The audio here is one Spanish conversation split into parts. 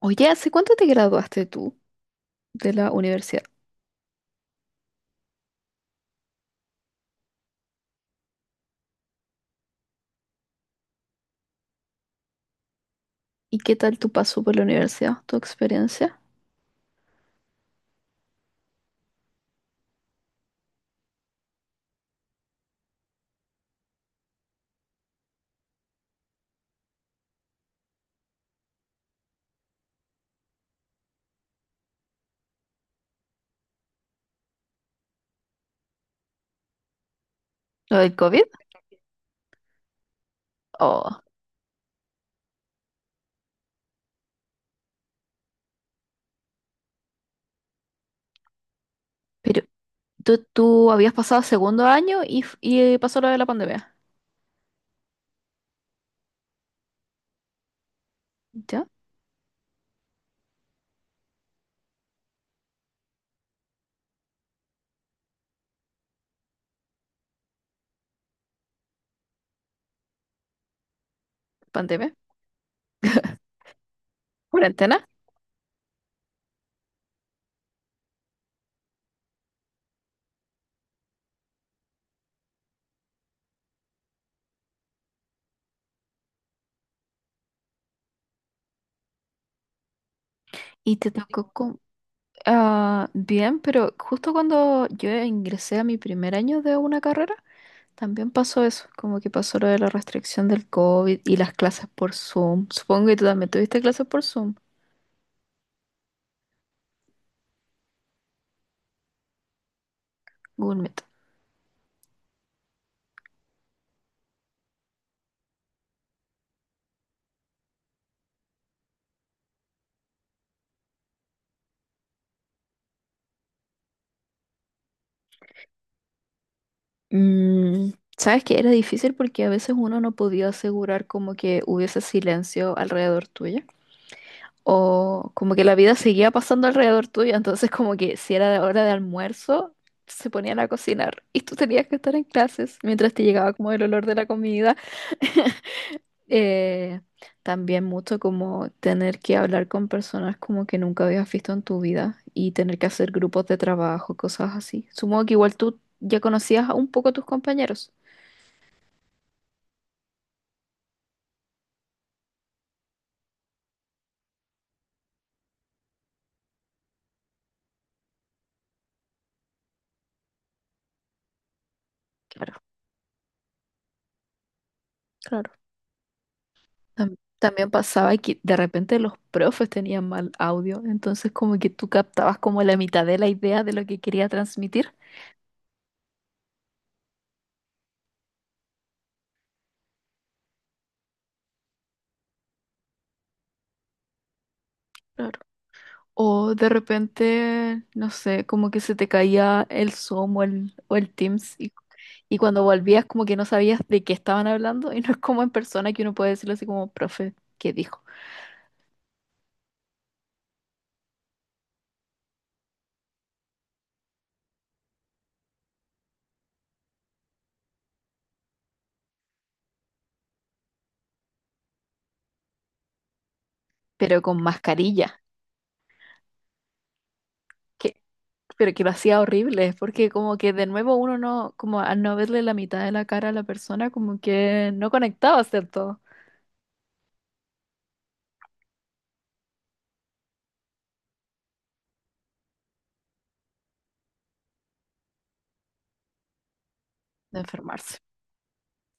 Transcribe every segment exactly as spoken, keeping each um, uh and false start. Oye, ¿hace cuánto te graduaste tú de la universidad? ¿Y qué tal tu paso por la universidad, tu experiencia? ¿Lo del COVID? Oh, pero tú, tú habías pasado segundo año y, f- y eh, pasó lo de la pandemia. ¿Ya? ¿Pandemia? ¿Cuarentena? Y te tocó con... Ah, bien, pero justo cuando yo ingresé a mi primer año de una carrera, también pasó eso, como que pasó lo de la restricción del COVID y las clases por Zoom. Supongo que tú también tuviste clases por Zoom, Google Meet. Mm, sabes que era difícil porque a veces uno no podía asegurar como que hubiese silencio alrededor tuyo o como que la vida seguía pasando alrededor tuyo, entonces como que si era la hora de almuerzo se ponían a cocinar y tú tenías que estar en clases mientras te llegaba como el olor de la comida. Eh, también mucho como tener que hablar con personas como que nunca habías visto en tu vida y tener que hacer grupos de trabajo, cosas así. Supongo que igual tú ya conocías a un poco a tus compañeros. Claro. Claro. Tam- También pasaba que de repente los profes tenían mal audio, entonces como que tú captabas como la mitad de la idea de lo que quería transmitir. Claro. O de repente, no sé, como que se te caía el Zoom o el, o el Teams y, y cuando volvías como que no sabías de qué estaban hablando y no es como en persona que uno puede decirlo así como, profe, ¿qué dijo? Pero con mascarilla. Que, pero que lo hacía horrible, porque como que de nuevo uno no, como al no verle la mitad de la cara a la persona, como que no conectaba, ¿cierto? De enfermarse,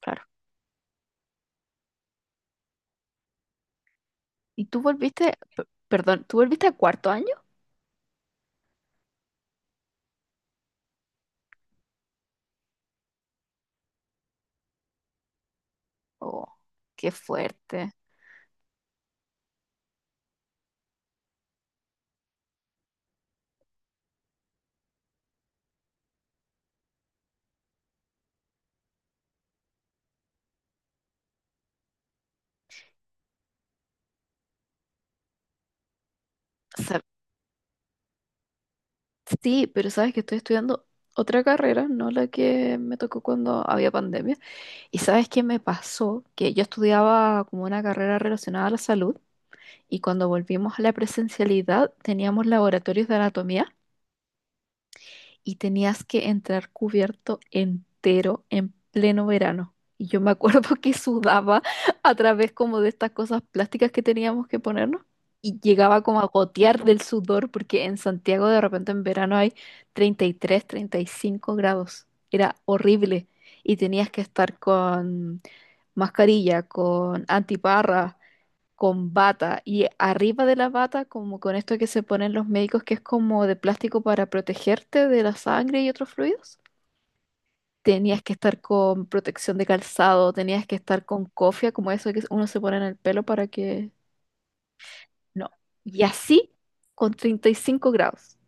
claro. ¿Y tú volviste, p- perdón, tú volviste a cuarto año? Oh, qué fuerte. O sea, sí, pero sabes que estoy estudiando otra carrera, no la que me tocó cuando había pandemia. Y sabes qué me pasó, que yo estudiaba como una carrera relacionada a la salud y cuando volvimos a la presencialidad teníamos laboratorios de anatomía. Y tenías que entrar cubierto entero en pleno verano. Y yo me acuerdo que sudaba a través como de estas cosas plásticas que teníamos que ponernos y llegaba como a gotear del sudor porque en Santiago de repente en verano hay treinta treinta y tres treinta y cinco grados. Era horrible y tenías que estar con mascarilla, con antiparras con bata y arriba de la bata como con esto que se ponen los médicos que es como de plástico para protegerte de la sangre y otros fluidos. Tenías que estar con protección de calzado, tenías que estar con cofia, como eso que uno se pone en el pelo para que... No. Y así con treinta y cinco grados.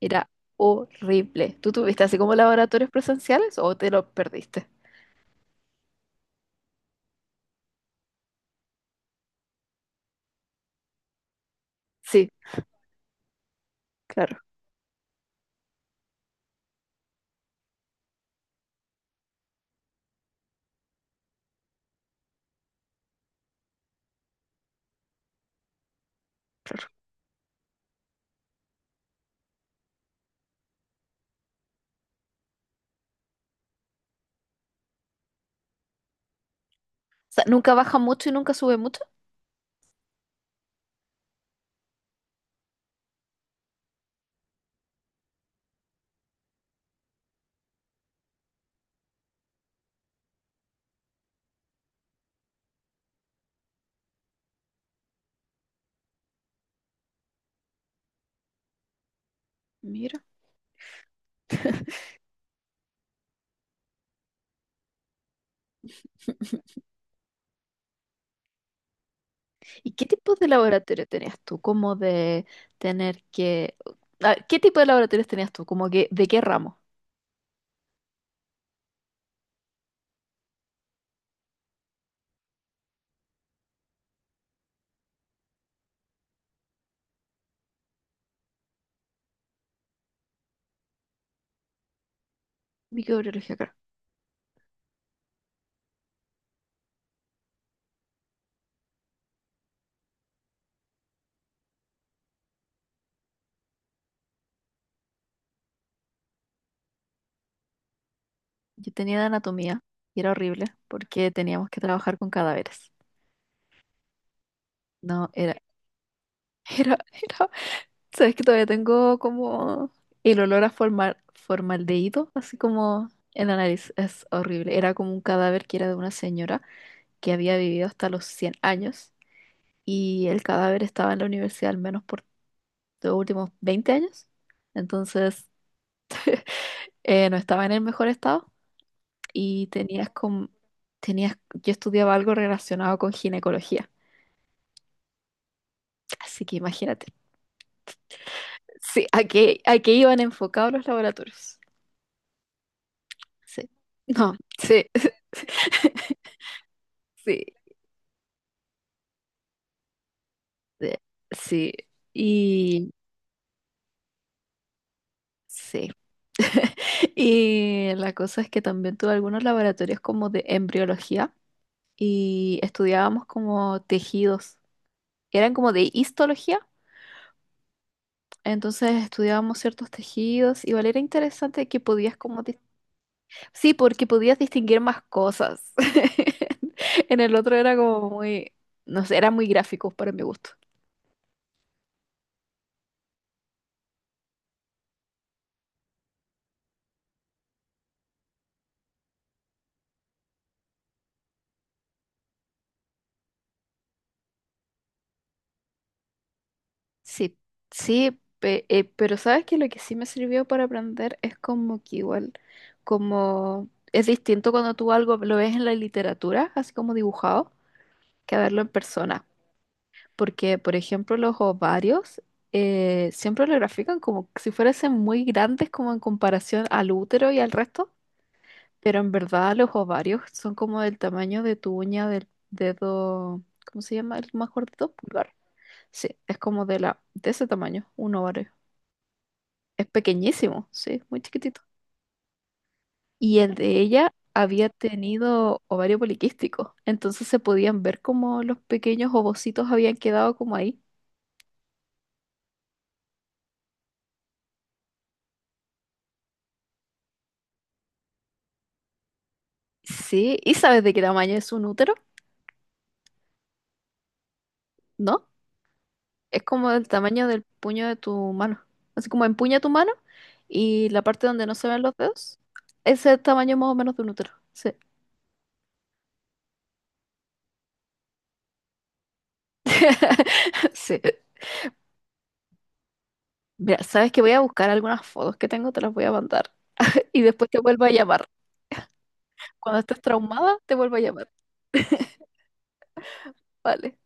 Era horrible. ¿Tú tuviste así como laboratorios presenciales o te lo perdiste? Sí, claro. O sea, nunca baja mucho y nunca sube mucho. Mira. ¿Y qué tipo de laboratorio tenías tú? Como de tener que... A ver, ¿qué tipo de laboratorios tenías tú? Como que, ¿de qué ramo? Microbiología, claro. Yo tenía de anatomía y era horrible porque teníamos que trabajar con cadáveres. No, era... Era... era... ¿Sabes que todavía tengo como el olor a formal, formaldehído? Así como en la nariz. Es horrible. Era como un cadáver que era de una señora que había vivido hasta los cien años y el cadáver estaba en la universidad al menos por de los últimos veinte años. Entonces, eh, no estaba en el mejor estado y tenías con, tenías, yo estudiaba algo relacionado con ginecología. Así que imagínate. Sí, a qué, a qué iban enfocados los laboratorios. Sí. No, sí, sí, sí. Sí. Y sí. Y la cosa es que también tuve algunos laboratorios como de embriología y estudiábamos como tejidos. Eran como de histología. Entonces estudiábamos ciertos tejidos, igual era interesante que podías como... dis- Sí, porque podías distinguir más cosas. En el otro era como muy... No sé, era muy gráfico para mi gusto. Sí, sí, pe- eh, pero sabes que lo que sí me sirvió para aprender es como que igual, como... Es distinto cuando tú algo lo ves en la literatura, así como dibujado, que verlo en persona. Porque, por ejemplo, los ovarios eh, siempre lo grafican como si fuesen muy grandes como en comparación al útero y al resto, pero en verdad los ovarios son como del tamaño de tu uña del dedo, ¿cómo se llama? El más gordito, pulgar. Sí, es como de la, de ese tamaño, un ovario. Es pequeñísimo, sí, muy chiquitito. Y el de ella había tenido ovario poliquístico, entonces se podían ver como los pequeños ovocitos habían quedado como ahí. Sí, ¿y sabes de qué tamaño es un útero? ¿No? Es como del tamaño del puño de tu mano. Así como empuña tu mano y la parte donde no se ven los dedos, ese es el tamaño más o menos de un útero. Sí. Sí. Mira, sabes que voy a buscar algunas fotos que tengo, te las voy a mandar y después te vuelvo a llamar. Cuando estés traumada, te vuelvo a llamar. Vale.